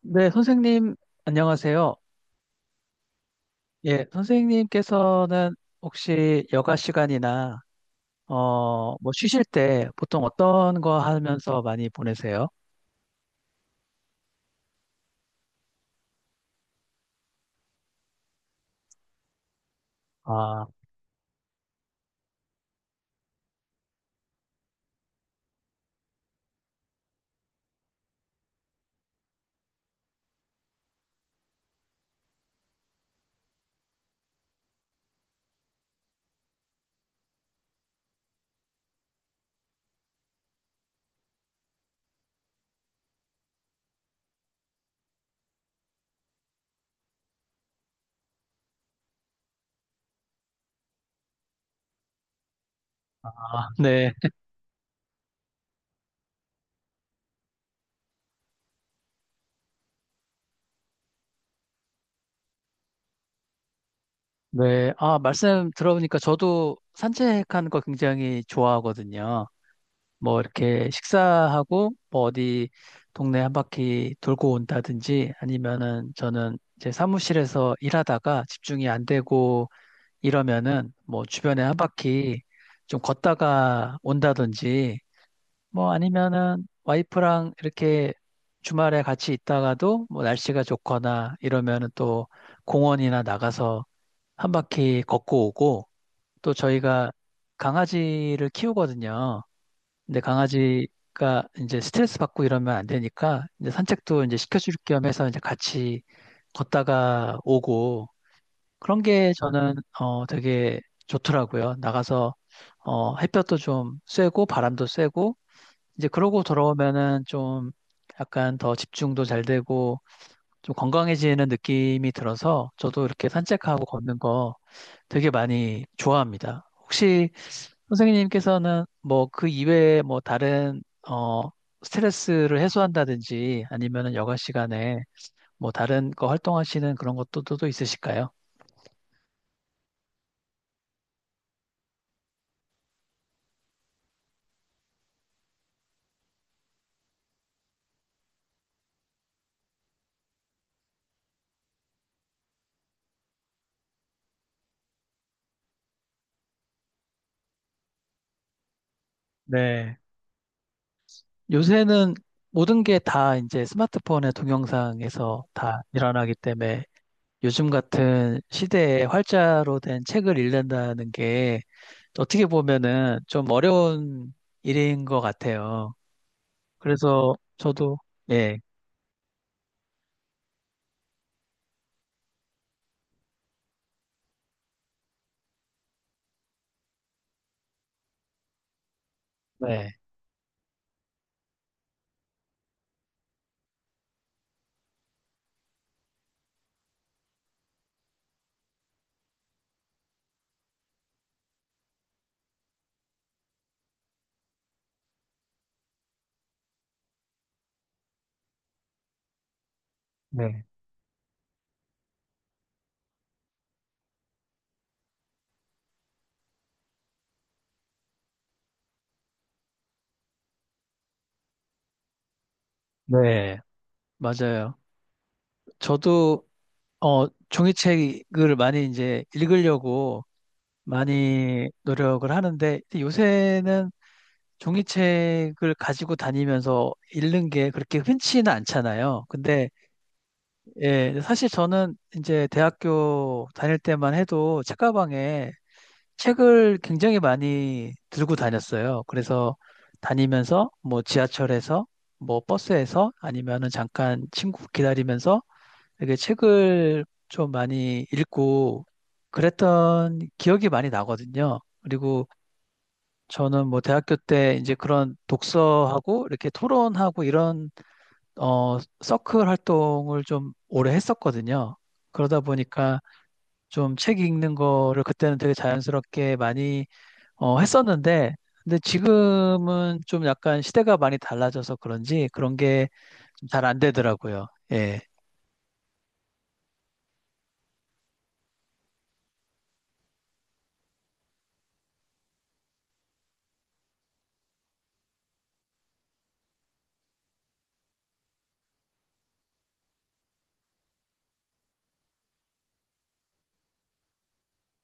네, 선생님, 안녕하세요. 예, 선생님께서는 혹시 여가 시간이나, 뭐, 쉬실 때 보통 어떤 거 하면서 많이 보내세요? 아, 아, 네, 네. 아, 말씀 들어보니까 저도 산책하는 거 굉장히 좋아하거든요. 뭐, 이렇게 식사하고, 뭐, 어디 동네 한 바퀴 돌고 온다든지, 아니면은 저는 제 사무실에서 일하다가 집중이 안 되고, 이러면은 뭐 주변에 한 바퀴 좀 걷다가 온다든지 뭐 아니면은 와이프랑 이렇게 주말에 같이 있다가도 뭐 날씨가 좋거나 이러면은 또 공원이나 나가서 한 바퀴 걷고 오고 또 저희가 강아지를 키우거든요. 근데 강아지가 이제 스트레스 받고 이러면 안 되니까 이제 산책도 이제 시켜줄 겸 해서 이제 같이 걷다가 오고 그런 게 저는 되게 좋더라고요. 나가서 햇볕도 좀 쐬고 바람도 쐬고 이제 그러고 돌아오면은 좀 약간 더 집중도 잘 되고 좀 건강해지는 느낌이 들어서 저도 이렇게 산책하고 걷는 거 되게 많이 좋아합니다. 혹시 선생님께서는 뭐 그 이외에 뭐 다른 어 스트레스를 해소한다든지 아니면은 여가 시간에 뭐 다른 거 활동하시는 그런 것도 또 있으실까요? 네. 요새는 모든 게 다 이제 스마트폰의 동영상에서 다 일어나기 때문에 요즘 같은 시대에 활자로 된 책을 읽는다는 게 어떻게 보면은 좀 어려운 일인 것 같아요. 그래서 저도, 예, 네, 네, 네, 맞아요. 저도, 종이책을 많이 이제 읽으려고 많이 노력을 하는데 요새는 종이책을 가지고 다니면서 읽는 게 그렇게 흔치는 않잖아요. 근데 예, 사실 저는 이제 대학교 다닐 때만 해도 책가방에 책을 굉장히 많이 들고 다녔어요. 그래서 다니면서 뭐 지하철에서 뭐 버스에서 아니면은 잠깐 친구 기다리면서 렇게 책을 좀 많이 읽고 그랬던 기억이 많이 나거든요. 그리고 저는 뭐 대학교 때 이제 그런 독서하고 이렇게 토론하고 이런 서클 활동을 좀 오래 했었거든요. 그러다 보니까 좀 책 읽는 거를 그때는 되게 자연스럽게 많이 했었는데 근데 지금은 좀 약간 시대가 많이 달라져서 그런지 그런 게 잘 안 되더라고요. 예.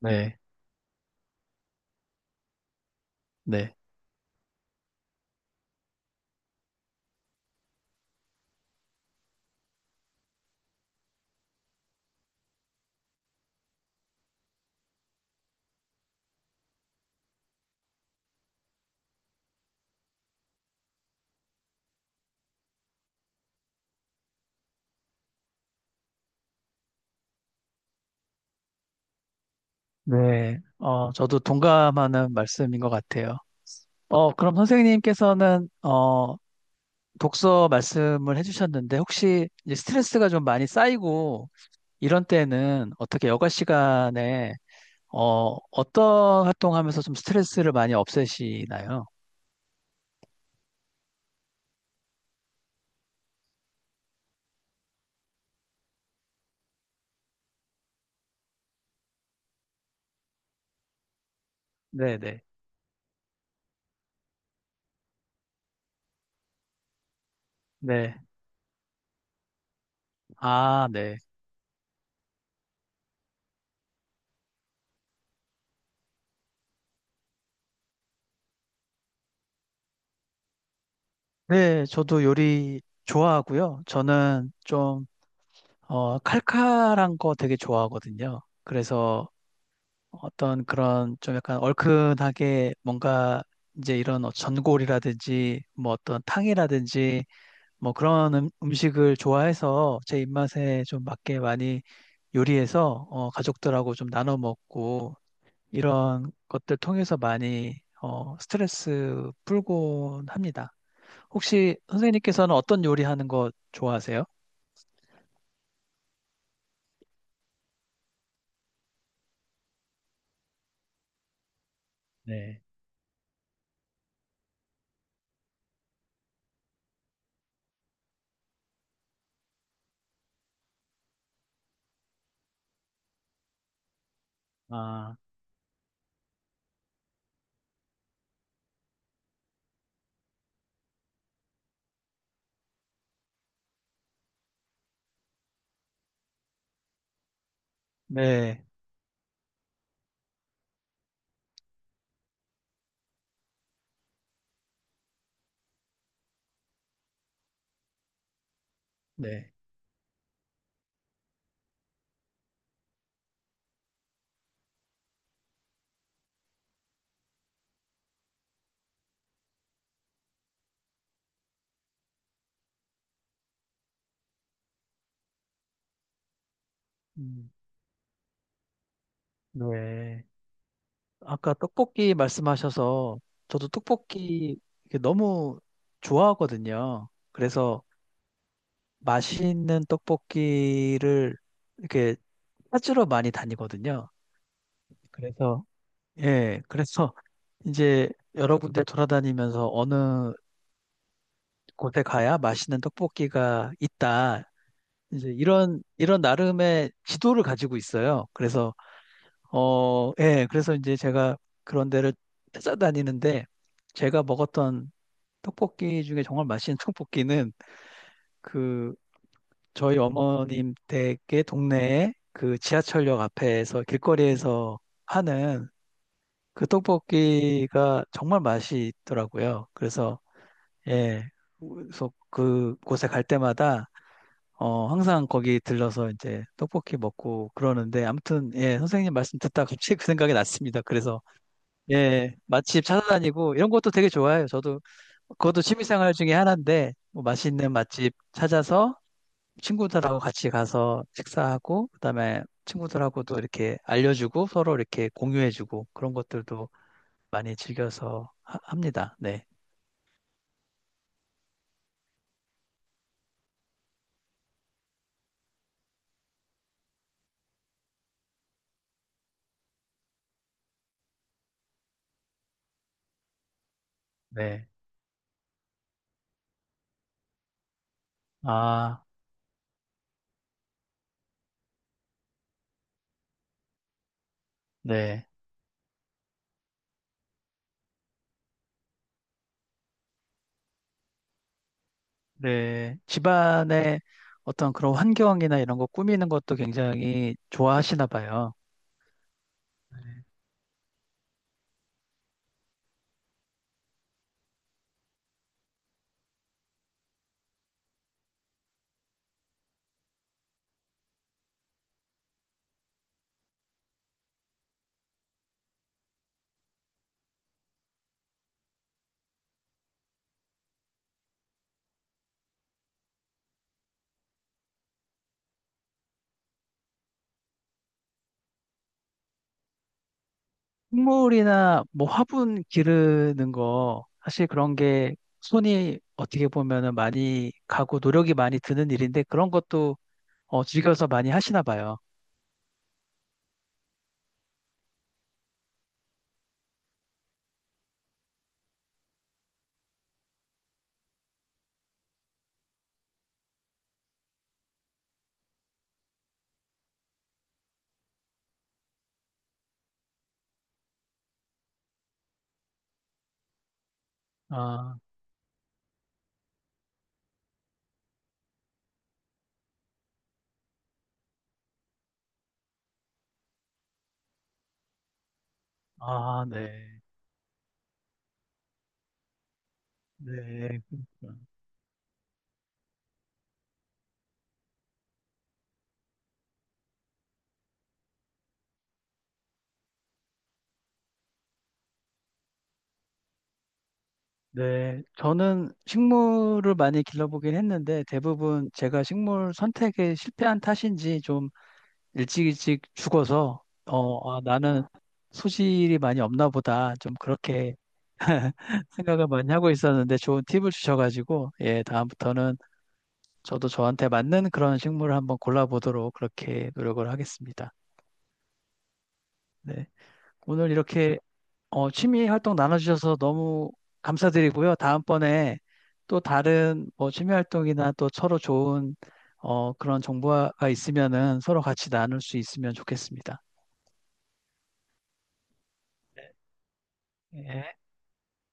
네. 네. 네. 저도 동감하는 말씀인 것 같아요. 그럼 선생님께서는 독서 말씀을 해주셨는데 혹시 이제 스트레스가 좀 많이 쌓이고 이런 때는 어떻게 여가 시간에 어떤 활동하면서 좀 스트레스를 많이 없애시나요? 네네. 네. 아, 네. 네, 저도 요리 좋아하고요. 저는 좀 칼칼한 거 되게 좋아하거든요. 그래서 어떤 그런 좀 약간 얼큰하게 뭔가 이제 이런 전골이라든지 뭐 어떤 탕이라든지 뭐 그런 음식을 좋아해서 제 입맛에 좀 맞게 많이 요리해서 가족들하고 좀 나눠 먹고 이런 것들 통해서 많이 스트레스 풀곤 합니다. 혹시 선생님께서는 어떤 요리 하는 거 좋아하세요? 네. 아, 네, 네. 음, 네. 아까 떡볶이 말씀하셔서 저도 떡볶이 이렇게 너무 좋아하거든요. 그래서 맛있는 떡볶이를 이렇게 찾으러 많이 다니거든요. 그래서, 예, 그래서 이제 여러 군데 돌아다니면서 어느 곳에 가야 맛있는 떡볶이가 있다. 이제 이런 나름의 지도를 가지고 있어요. 그래서, 예, 그래서 이제 제가 그런 데를 찾아다니는데 제가 먹었던 떡볶이 중에 정말 맛있는 떡볶이는 그 저희 어머님 댁의 동네에 그 지하철역 앞에서 길거리에서 하는 그 떡볶이가 정말 맛이 있더라고요. 그래서 예, 그래서 그 곳에 갈 때마다 항상 거기 들러서 이제 떡볶이 먹고 그러는데 아무튼 예, 선생님 말씀 듣다 갑자기 그 생각이 났습니다. 그래서 예, 맛집 찾아다니고 이런 것도 되게 좋아해요. 저도 그것도 취미생활 중에 하나인데 뭐 맛있는 맛집 찾아서 친구들하고 같이 가서 식사하고 그다음에 친구들하고도 이렇게 알려주고 서로 이렇게 공유해주고 그런 것들도 많이 즐겨서 합니다. 네. 네. 아, 네. 네. 집안의 어떤 그런 환경이나 이런 거 꾸미는 것도 굉장히 좋아하시나 봐요. 식물이나 뭐 화분 기르는 거 사실 그런 게 손이 어떻게 보면은 많이 가고 노력이 많이 드는 일인데 그런 것도 즐겨서 많이 하시나 봐요. 아. 아, 네. 네. 그렇구나. 네. 저는 식물을 많이 길러보긴 했는데 대부분 제가 식물 선택에 실패한 탓인지 좀 일찍 일찍 죽어서 아, 나는 소질이 많이 없나 보다. 좀 그렇게 생각을 많이 하고 있었는데 좋은 팁을 주셔가지고 예, 다음부터는 저도 저한테 맞는 그런 식물을 한번 골라보도록 그렇게 노력을 하겠습니다. 네. 오늘 이렇게 취미 활동 나눠주셔서 너무 감사드리고요. 다음번에 또 다른 뭐 취미 활동이나 또 서로 좋은 그런 정보가 있으면은 서로 같이 나눌 수 있으면 좋겠습니다. 예.